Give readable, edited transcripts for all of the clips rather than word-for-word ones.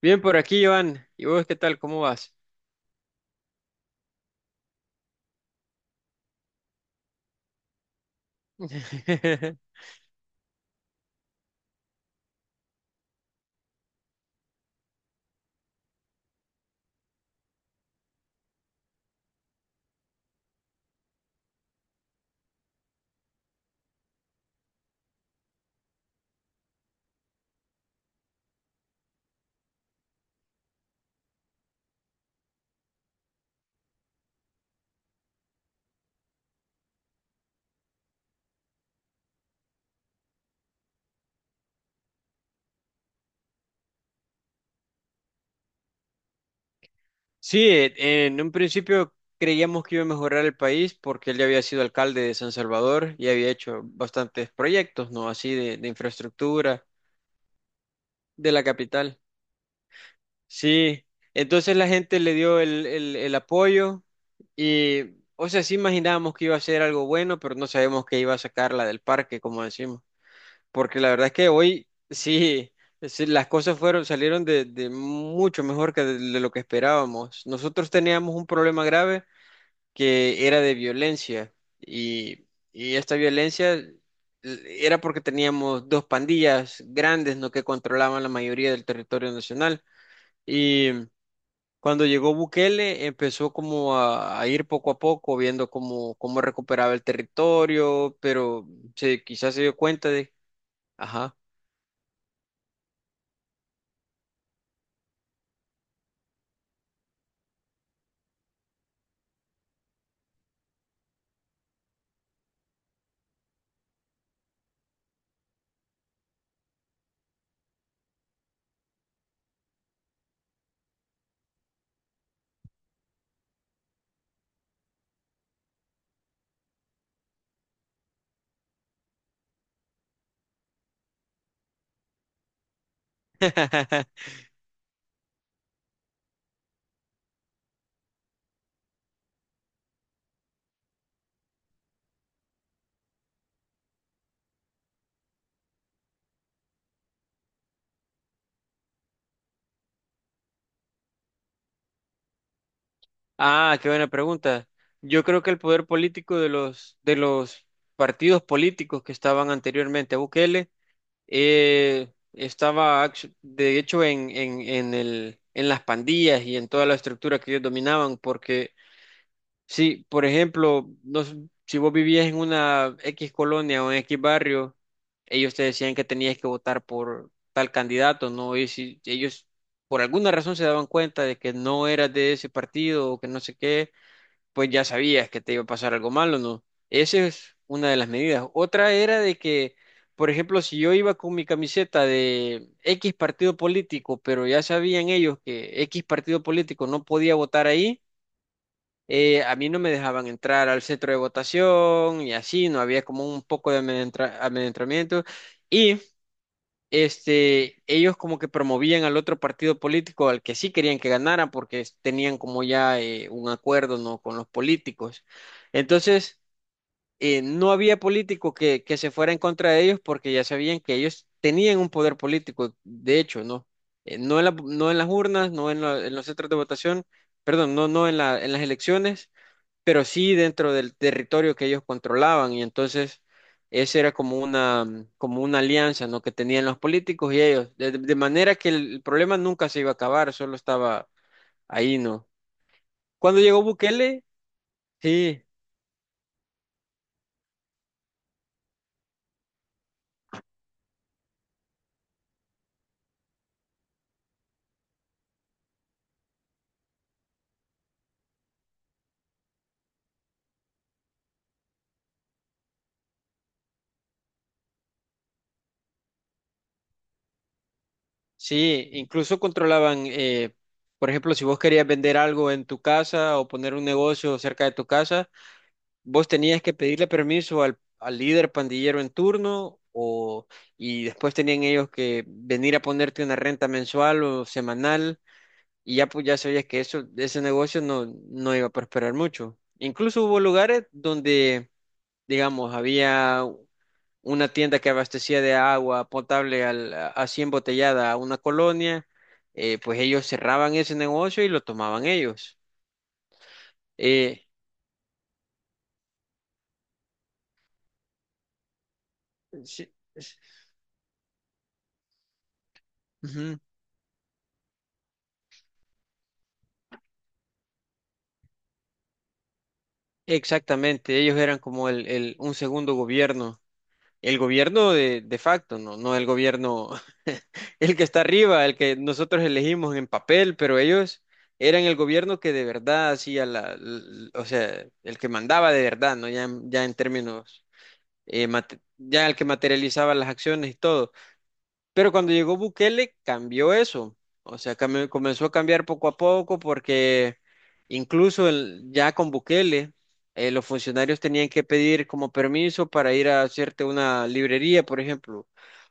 Bien por aquí, Joan. ¿Y vos qué tal? ¿Cómo vas? Sí, eh, en un principio creíamos que iba a mejorar el país porque él ya había sido alcalde de San Salvador y había hecho bastantes proyectos, ¿no? Así de infraestructura de la capital. Sí, entonces la gente le dio el apoyo y, o sea, sí imaginábamos que iba a ser algo bueno, pero no sabemos que iba a sacarla del parque, como decimos. Porque la verdad es que hoy sí, sí, las cosas fueron, salieron de mucho mejor que de lo que esperábamos. Nosotros teníamos un problema grave que era de violencia y, y esta era porque teníamos dos pandillas grandes, ¿no?, que controlaban la mayoría del territorio nacional y cuando llegó Bukele, empezó como a ir poco a poco, viendo cómo, cómo recuperaba el territorio, pero se, quizás se dio cuenta de... Ajá. Ah, qué buena pregunta. Yo creo que el poder político de los partidos políticos que estaban anteriormente a Bukele estaba, de hecho, en el, en las pandillas y en toda la estructura que ellos dominaban, porque si, por ejemplo, si vos vivías en una X colonia o en X barrio, ellos te decían que tenías que votar por tal candidato, ¿no? Y si ellos por alguna razón se daban cuenta de que no eras de ese partido o que no sé qué, pues ya sabías que te iba a pasar algo malo, ¿no? Esa es una de las medidas. Otra era de que, por ejemplo, si yo iba con mi camiseta de X partido político, pero ya sabían ellos que X partido político no podía votar ahí, a mí no me dejaban entrar al centro de votación y así, no había como un poco de amedrentamiento. Y este, ellos como que promovían al otro partido político al que sí querían que ganara porque tenían como ya un acuerdo, ¿no?, con los políticos. Entonces, no había político que se fuera en contra de ellos porque ya sabían que ellos tenían un poder político, de hecho, ¿no? No en las urnas, no en, en los centros de votación, perdón, no, en las elecciones, pero sí dentro del territorio que ellos controlaban, y entonces esa era como una, como una alianza, ¿no?, que tenían los políticos y ellos, de manera que el problema nunca se iba a acabar, solo estaba ahí, ¿no? Cuando llegó Bukele, sí, sí, incluso controlaban, por ejemplo, si vos querías vender algo en tu casa o poner un negocio cerca de tu casa, vos tenías que pedirle permiso al, al líder pandillero en turno o, y después tenían ellos que venir a ponerte una renta mensual o semanal, y ya, pues ya sabías que eso, ese negocio no, no iba a prosperar mucho. Incluso hubo lugares donde, digamos, había una tienda que abastecía de agua potable al, así embotellada a una colonia, pues ellos cerraban ese negocio y lo tomaban ellos. Eh, sí, es- Exactamente, ellos eran como un segundo gobierno, el gobierno de facto, no, no el gobierno, el que está arriba, el que nosotros elegimos en papel, pero ellos eran el gobierno que de verdad hacía la, o sea, el que mandaba de verdad, ¿no? Ya, ya en términos, ya el que materializaba las acciones y todo. Pero cuando llegó Bukele, cambió eso. O sea, comenzó a cambiar poco a poco porque incluso ya con Bukele, los funcionarios tenían que pedir como permiso para ir a hacerte una librería, por ejemplo,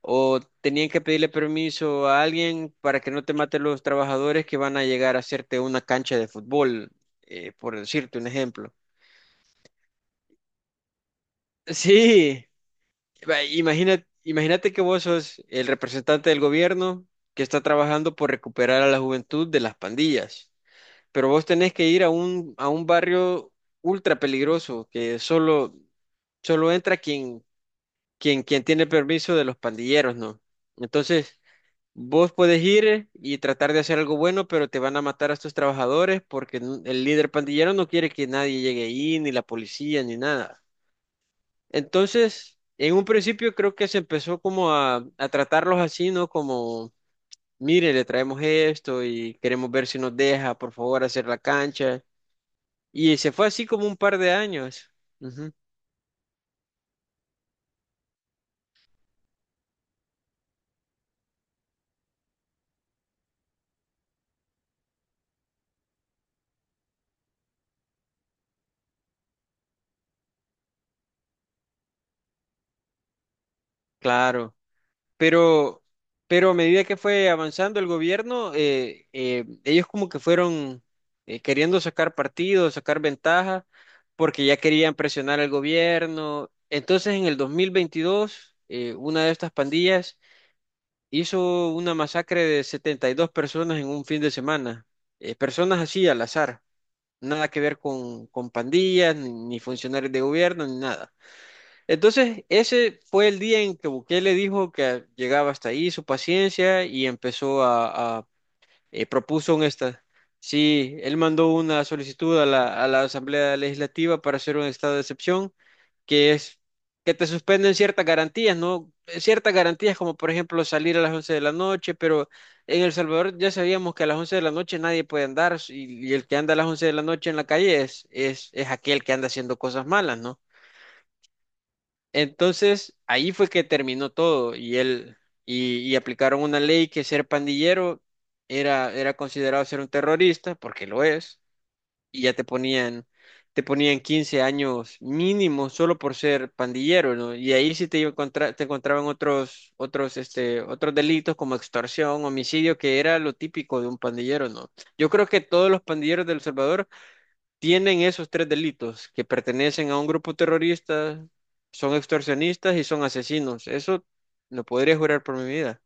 o tenían que pedirle permiso a alguien para que no te maten los trabajadores que van a llegar a hacerte una cancha de fútbol, por decirte un ejemplo. Sí, va, imagínate que vos sos el representante del gobierno que está trabajando por recuperar a la juventud de las pandillas, pero vos tenés que ir a un barrio ultra peligroso que solo, solo entra quien, quien tiene permiso de los pandilleros, ¿no? Entonces, vos podés ir y tratar de hacer algo bueno, pero te van a matar a estos trabajadores porque el líder pandillero no quiere que nadie llegue ahí, ni la policía, ni nada. Entonces, en un principio creo que se empezó como a tratarlos así, ¿no? Como, mire, le traemos esto y queremos ver si nos deja, por favor, hacer la cancha. Y se fue así como un par de años. Ujú, claro. Pero, pero a medida que fue avanzando el gobierno, ellos como que fueron queriendo sacar partido, sacar ventaja, porque ya querían presionar al gobierno. Entonces, en el 2022, una de estas pandillas hizo una masacre de 72 personas en un fin de semana. Personas así al azar, nada que ver con pandillas, ni, ni funcionarios de gobierno, ni nada. Entonces, ese fue el día en que Bukele dijo que llegaba hasta ahí su paciencia y empezó a, propuso un esta. Sí, él mandó una solicitud a la Asamblea Legislativa para hacer un estado de excepción, que es que te suspenden ciertas garantías, ¿no? Ciertas garantías como por ejemplo salir a las 11 de la noche, pero en El Salvador ya sabíamos que a las once de la noche nadie puede andar, y el que anda a las 11 de la noche en la calle es aquel que anda haciendo cosas malas, ¿no? Entonces, ahí fue que terminó todo y él y aplicaron una ley que ser pandillero era, era considerado ser un terrorista, porque lo es, y ya te ponían 15 años mínimo solo por ser pandillero, ¿no? Y ahí sí te iba a encontrar- te encontraban otros, otros, este, otros delitos como extorsión, homicidio, que era lo típico de un pandillero, ¿no? Yo creo que todos los pandilleros de El Salvador tienen esos tres delitos, que pertenecen a un grupo terrorista, son extorsionistas y son asesinos. Eso lo podría jurar por mi vida.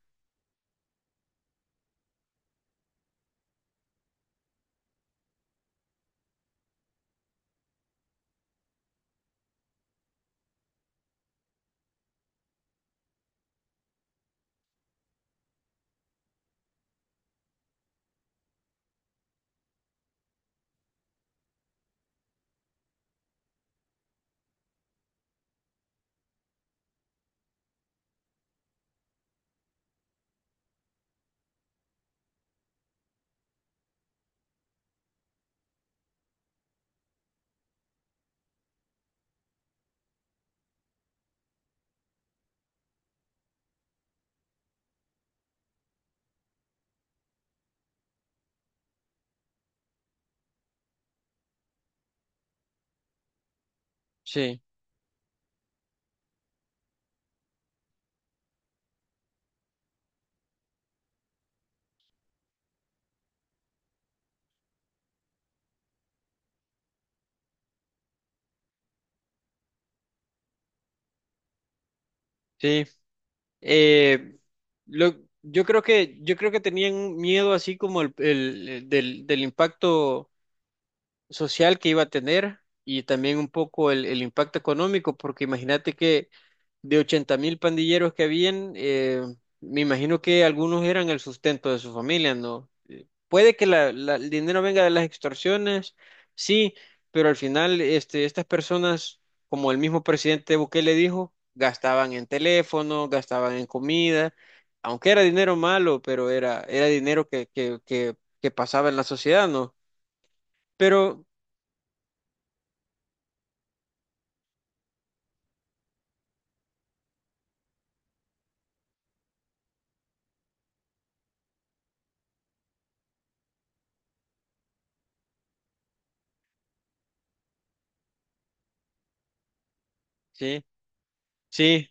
Sí, sí. Eh, lo- yo creo que tenían un miedo así como del impacto social que iba a tener, y también un poco el impacto económico, porque imagínate que de 80,000 pandilleros que habían, me imagino que algunos eran el sustento de su familia, ¿no? Puede que el dinero venga de las extorsiones, sí, pero al final este, estas personas, como el mismo presidente Bukele dijo, gastaban en teléfono, gastaban en comida, aunque era dinero malo, pero era, era dinero que pasaba en la sociedad, ¿no? Pero sí, sí.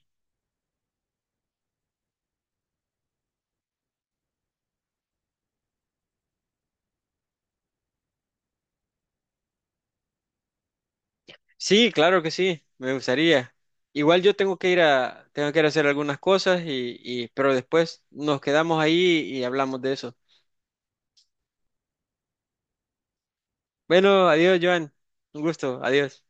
Sí, claro que sí, me gustaría. Igual yo tengo que ir a, tengo que ir a hacer algunas cosas y, pero después nos quedamos ahí y hablamos de eso. Bueno, adiós, Joan. Un gusto, adiós.